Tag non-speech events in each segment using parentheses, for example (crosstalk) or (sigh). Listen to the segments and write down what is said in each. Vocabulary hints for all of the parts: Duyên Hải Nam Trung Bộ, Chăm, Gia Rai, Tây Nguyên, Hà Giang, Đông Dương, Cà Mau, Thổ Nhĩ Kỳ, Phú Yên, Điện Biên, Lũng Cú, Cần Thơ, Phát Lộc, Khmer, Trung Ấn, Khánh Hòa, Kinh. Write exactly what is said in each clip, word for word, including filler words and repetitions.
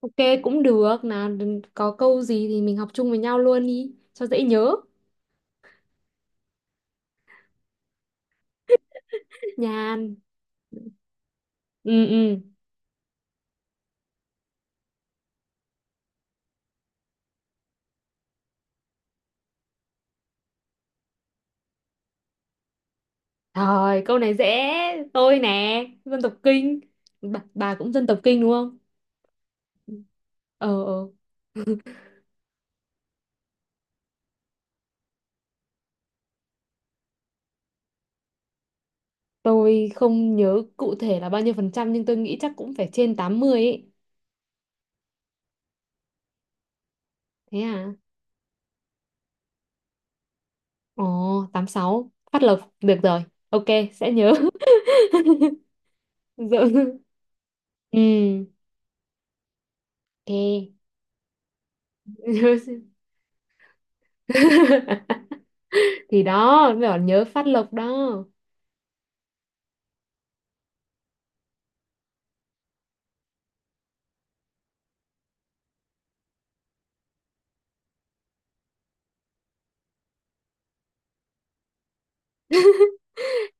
Ok, cũng được nào. Có câu gì thì mình học chung với nhau luôn đi cho dễ nhớ. Nhàn. Ừ, ừ. Rồi, câu này dễ. Tôi nè, dân tộc Kinh. Bà, bà cũng dân tộc Kinh đúng không? Ờ, ờ. Tôi không nhớ cụ thể là bao nhiêu phần trăm, nhưng tôi nghĩ chắc cũng phải trên tám mươi ấy. Thế à? Ồ, tám sáu phát lộc được rồi. Ok, sẽ nhớ. (laughs) Rồi. Ừ. Ok. (laughs) Nhớ xem. (laughs) Thì đó mới bảo nhớ Phát Lộc đó.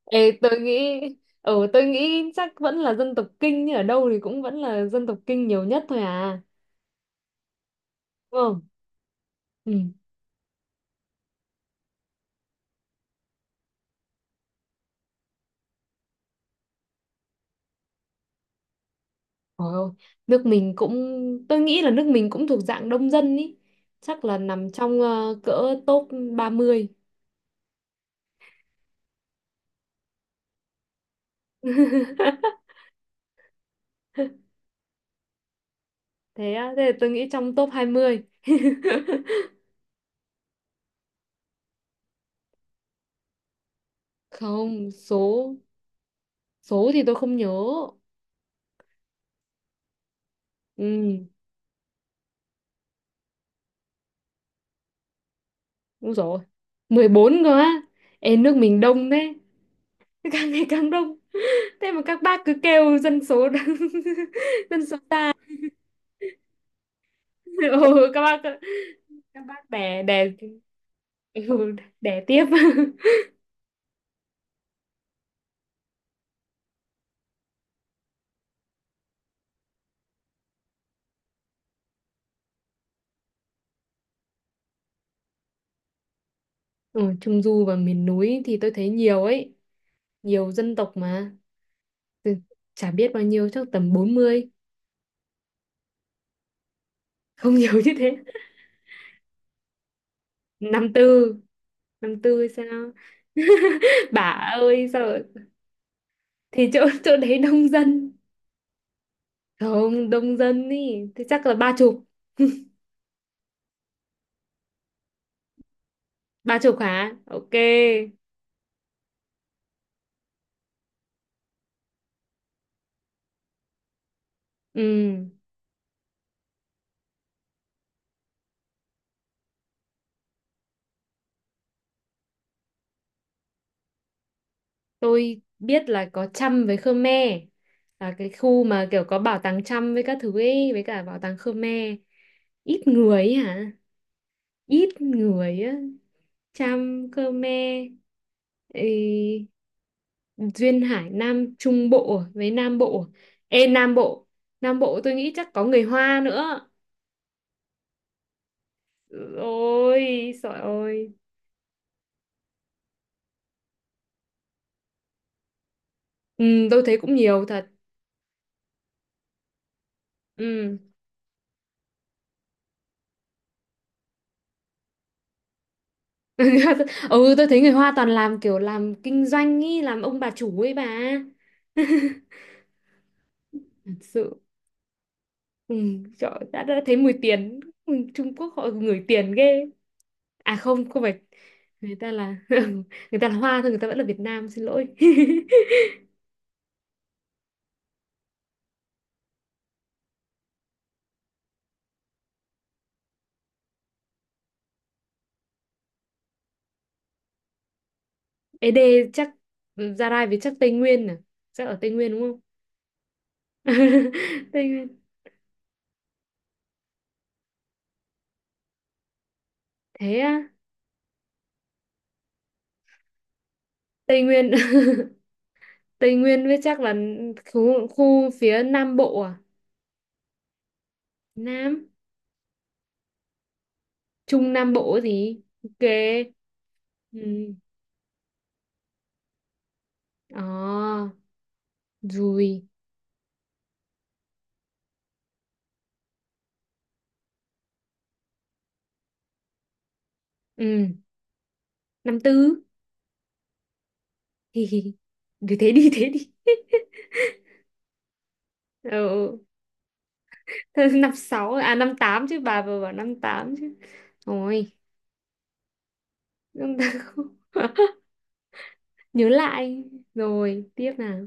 Ê, tôi nghĩ, ừ tôi nghĩ chắc vẫn là dân tộc Kinh, ở đâu thì cũng vẫn là dân tộc Kinh nhiều nhất thôi à, đúng không? Ừ. Ôi, ôi, nước mình cũng, tôi nghĩ là nước mình cũng thuộc dạng đông dân ý, chắc là nằm trong ờ, cỡ top ba mươi. (laughs) Thế á, thế là tôi nghĩ trong top hai mươi. Không, số số thì tôi không nhớ. Ừ, đúng rồi. Mười bốn cơ á? Ê, nước mình đông thế. (laughs) Càng ngày càng đông. Thế mà các bác cứ kêu dân số. (laughs) Dân số ta. Ừ, các bác các bác đẻ đẻ. Ừ, đẻ tiếp. (laughs) Ừ, Trung Du và miền núi thì tôi thấy nhiều ấy, nhiều dân tộc mà. Từ- Chả biết bao nhiêu, chắc tầm bốn mươi. Không, (laughs) nhiều như thế? Năm tư, năm tư hay sao? (laughs) Bà ơi, sao lại- thì chỗ chỗ đấy đông dân. Không đông dân ý thì chắc là ba chục. Ba chục hả? Ok. Ừ. Tôi biết là có Chăm với Khmer, là cái khu mà kiểu có bảo tàng Chăm với các thứ ấy, với cả bảo tàng Khmer. Ít người ấy hả? Ít người á. Chăm, Khmer. Ừ, Duyên Hải Nam Trung Bộ với Nam Bộ. Ê Nam Bộ, Nam Bộ tôi nghĩ chắc có người Hoa nữa. Ôi trời ơi. Ừ, tôi thấy cũng nhiều thật. Ừ. (laughs) Ừ, tôi thấy người Hoa toàn làm kiểu làm kinh doanh ý, làm ông bà chủ ấy bà. (laughs) Thật sự. Ừ, trời, đã, đã thấy mùi tiền. Ừ, Trung Quốc họ ngửi tiền ghê. À không, không phải, người ta là (laughs) người ta là Hoa thôi, người ta vẫn là Việt Nam, xin lỗi. (laughs) Ế đê chắc, Gia Rai với chắc Tây Nguyên à, chắc ở Tây Nguyên đúng không? (laughs) Tây Nguyên. Thế á. Tây Nguyên. (laughs) Tây Nguyên với chắc là khu, khu phía Nam Bộ à, Nam Trung Nam Bộ ấy gì. Ok. Ừ. À, rồi. Ừ. Năm tư. (laughs) thì thì thế đi. (laughs) Thế đi. Ừ. Ừ. Thôi, năm sáu à năm tám chứ, bà vừa bảo năm tám chứ. Rồi, năm tám. (laughs) Nhớ lại. Rồi, tiếp nào.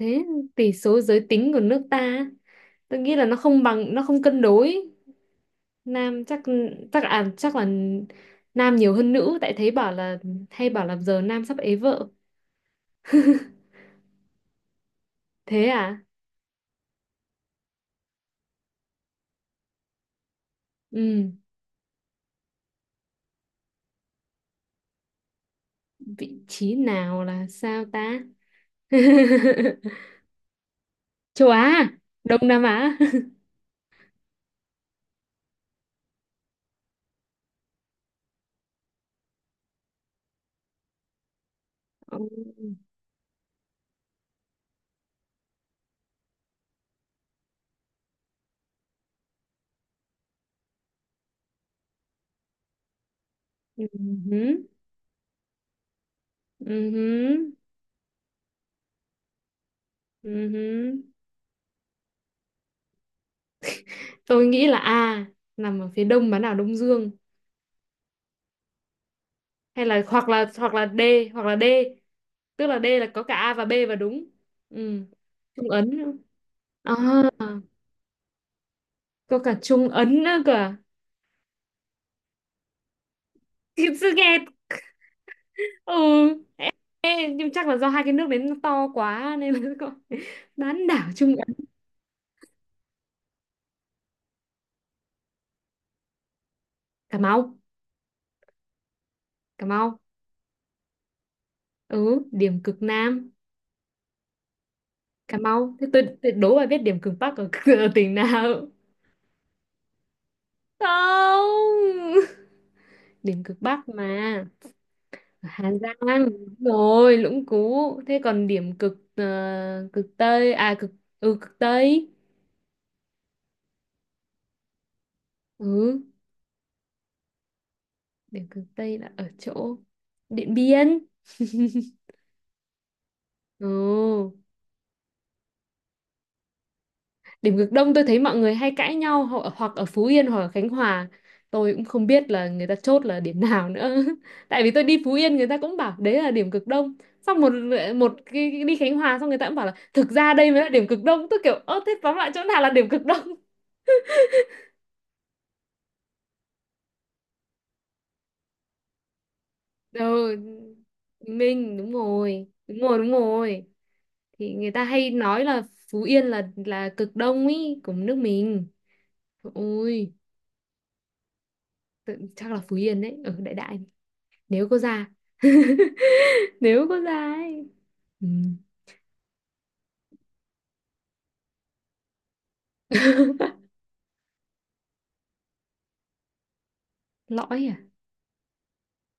Thế tỷ số giới tính của nước ta, tôi nghĩ là nó không bằng, nó không cân đối. Nam chắc chắc à chắc là nam nhiều hơn nữ, tại thấy bảo là hay bảo là giờ nam sắp ế vợ. (laughs) Thế à? Ừ, vị trí nào là sao ta? (laughs) Châu Á, Đông Nam Á. (laughs) Ừ, ừ, ừ, ừ, ừ. Tôi nghĩ là A, nằm ở phía đông bán đảo Đông Dương, hay là hoặc là hoặc là D, hoặc là D tức là D là có cả A và B và đúng. Ừ, Trung Ấn nữa. À, có cả Trung Ấn nữa cơ à? (laughs) Thiệt sự nghe. Ừ. Ê, nhưng chắc là do hai cái nước đấy nó to quá nên là gọi (laughs) bán đảo Trung Á. Cà Mau. Cà Mau. Ừ, điểm cực Nam. Cà Mau. Thế tôi tuyệt đố bà biết điểm cực Bắc ở, (laughs) ở tỉnh nào? Không, điểm cực Bắc mà. Ở Hà Giang, đúng rồi. Lũng Cú. Thế còn điểm cực ờ, cực Tây à, cực. Ừ, cực Tây. Ừ, điểm cực Tây là ở chỗ Điện Biên. Ừ. Điểm cực Đông tôi thấy mọi người hay cãi nhau, ho- hoặc ở Phú Yên hoặc ở Khánh Hòa. Tôi cũng không biết là người ta chốt là điểm nào nữa. (laughs) Tại vì tôi đi Phú Yên người ta cũng bảo đấy là điểm cực Đông. Xong một một cái, cái đi Khánh Hòa xong người ta cũng bảo là thực ra đây mới là điểm cực Đông. Tôi kiểu ơ thế tóm lại chỗ nào là điểm cực Đông? (laughs) Ừ, Minh đúng rồi. Đúng rồi, đúng rồi. Thì người ta hay nói là Phú Yên là là cực Đông ý của nước mình. Ôi, tự- chắc là Phú Yên đấy. Ở đại đại, nếu có da (laughs) nếu có da ấy. Ừ. Lõi à?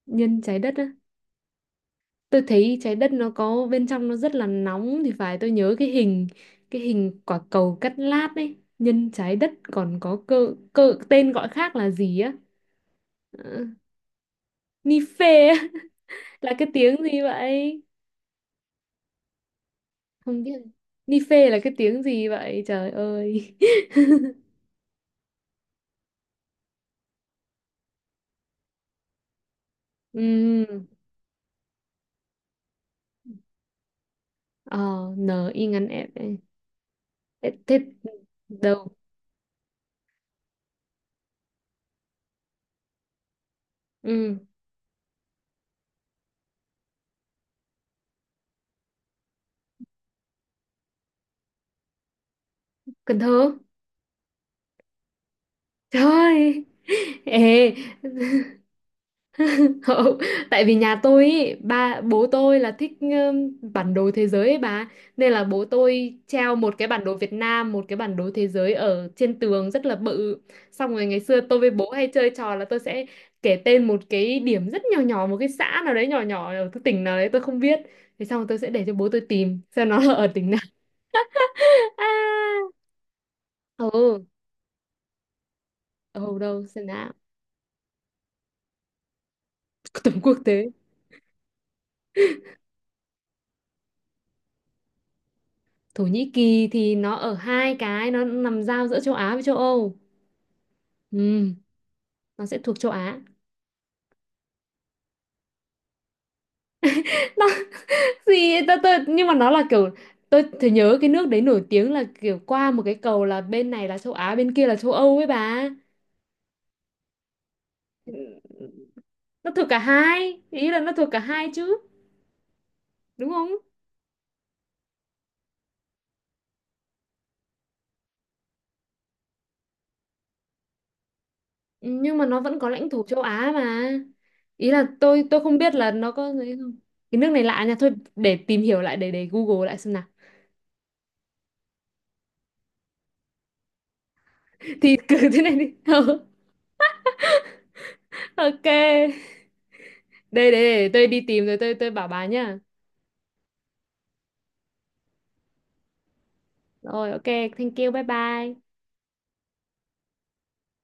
Nhân trái đất á, tôi thấy trái đất nó có bên trong nó rất là nóng thì phải. Tôi nhớ cái hình cái hình quả cầu cắt lát ấy. Nhân trái đất còn có cơ cơ tên gọi khác là gì á? Ờ, ni phê á, là cái tiếng gì vậy? Không biết. Ni phê là cái tiếng gì vậy, trời ơi? (laughs) Ừ. Ờ, n i ngắn f. thế thế đâu. Ừ. Cần Thơ. Thôi ơi, ê, (laughs) không, tại vì nhà tôi ý, ba bố tôi là thích ừm, bản đồ thế giới ấy bà, nên là bố tôi treo một cái bản đồ Việt Nam, một cái bản đồ thế giới ở trên tường rất là bự. Xong rồi ngày xưa tôi với bố hay chơi trò là tôi sẽ kể tên một cái điểm rất nhỏ nhỏ, một cái xã nào đấy nhỏ nhỏ ở cái tỉnh nào đấy tôi không biết. Thế xong rồi tôi sẽ để cho bố tôi tìm xem nó là ở tỉnh nào. (laughs) À, ừ, ở đâu xem nào. Tầm quốc tế. Thổ Nhĩ Kỳ thì nó ở hai cái, nó nằm giao giữa châu Á với châu Âu. Ừ, nó sẽ thuộc châu Á. (laughs) Nó, gì, tôi, tôi, nhưng mà nó là kiểu, tôi thì nhớ cái nước đấy nổi tiếng là kiểu qua một cái cầu là bên này là châu Á bên kia là châu Âu ấy bà. Ừ, nó thuộc cả hai, ý là nó thuộc cả hai chứ đúng không? Ừ, nhưng mà nó vẫn có lãnh thổ châu Á mà, ý là tôi tôi không biết là nó có gì không. Cái nước này lạ nha, thôi để tìm hiểu lại, để để Google lại xem nào. Thì cứ (laughs) thế này đi. (laughs) Ok. Đây đây, để tôi đi tìm rồi tôi tôi bảo bà nhá. Rồi, ok. Thank you, bye bye.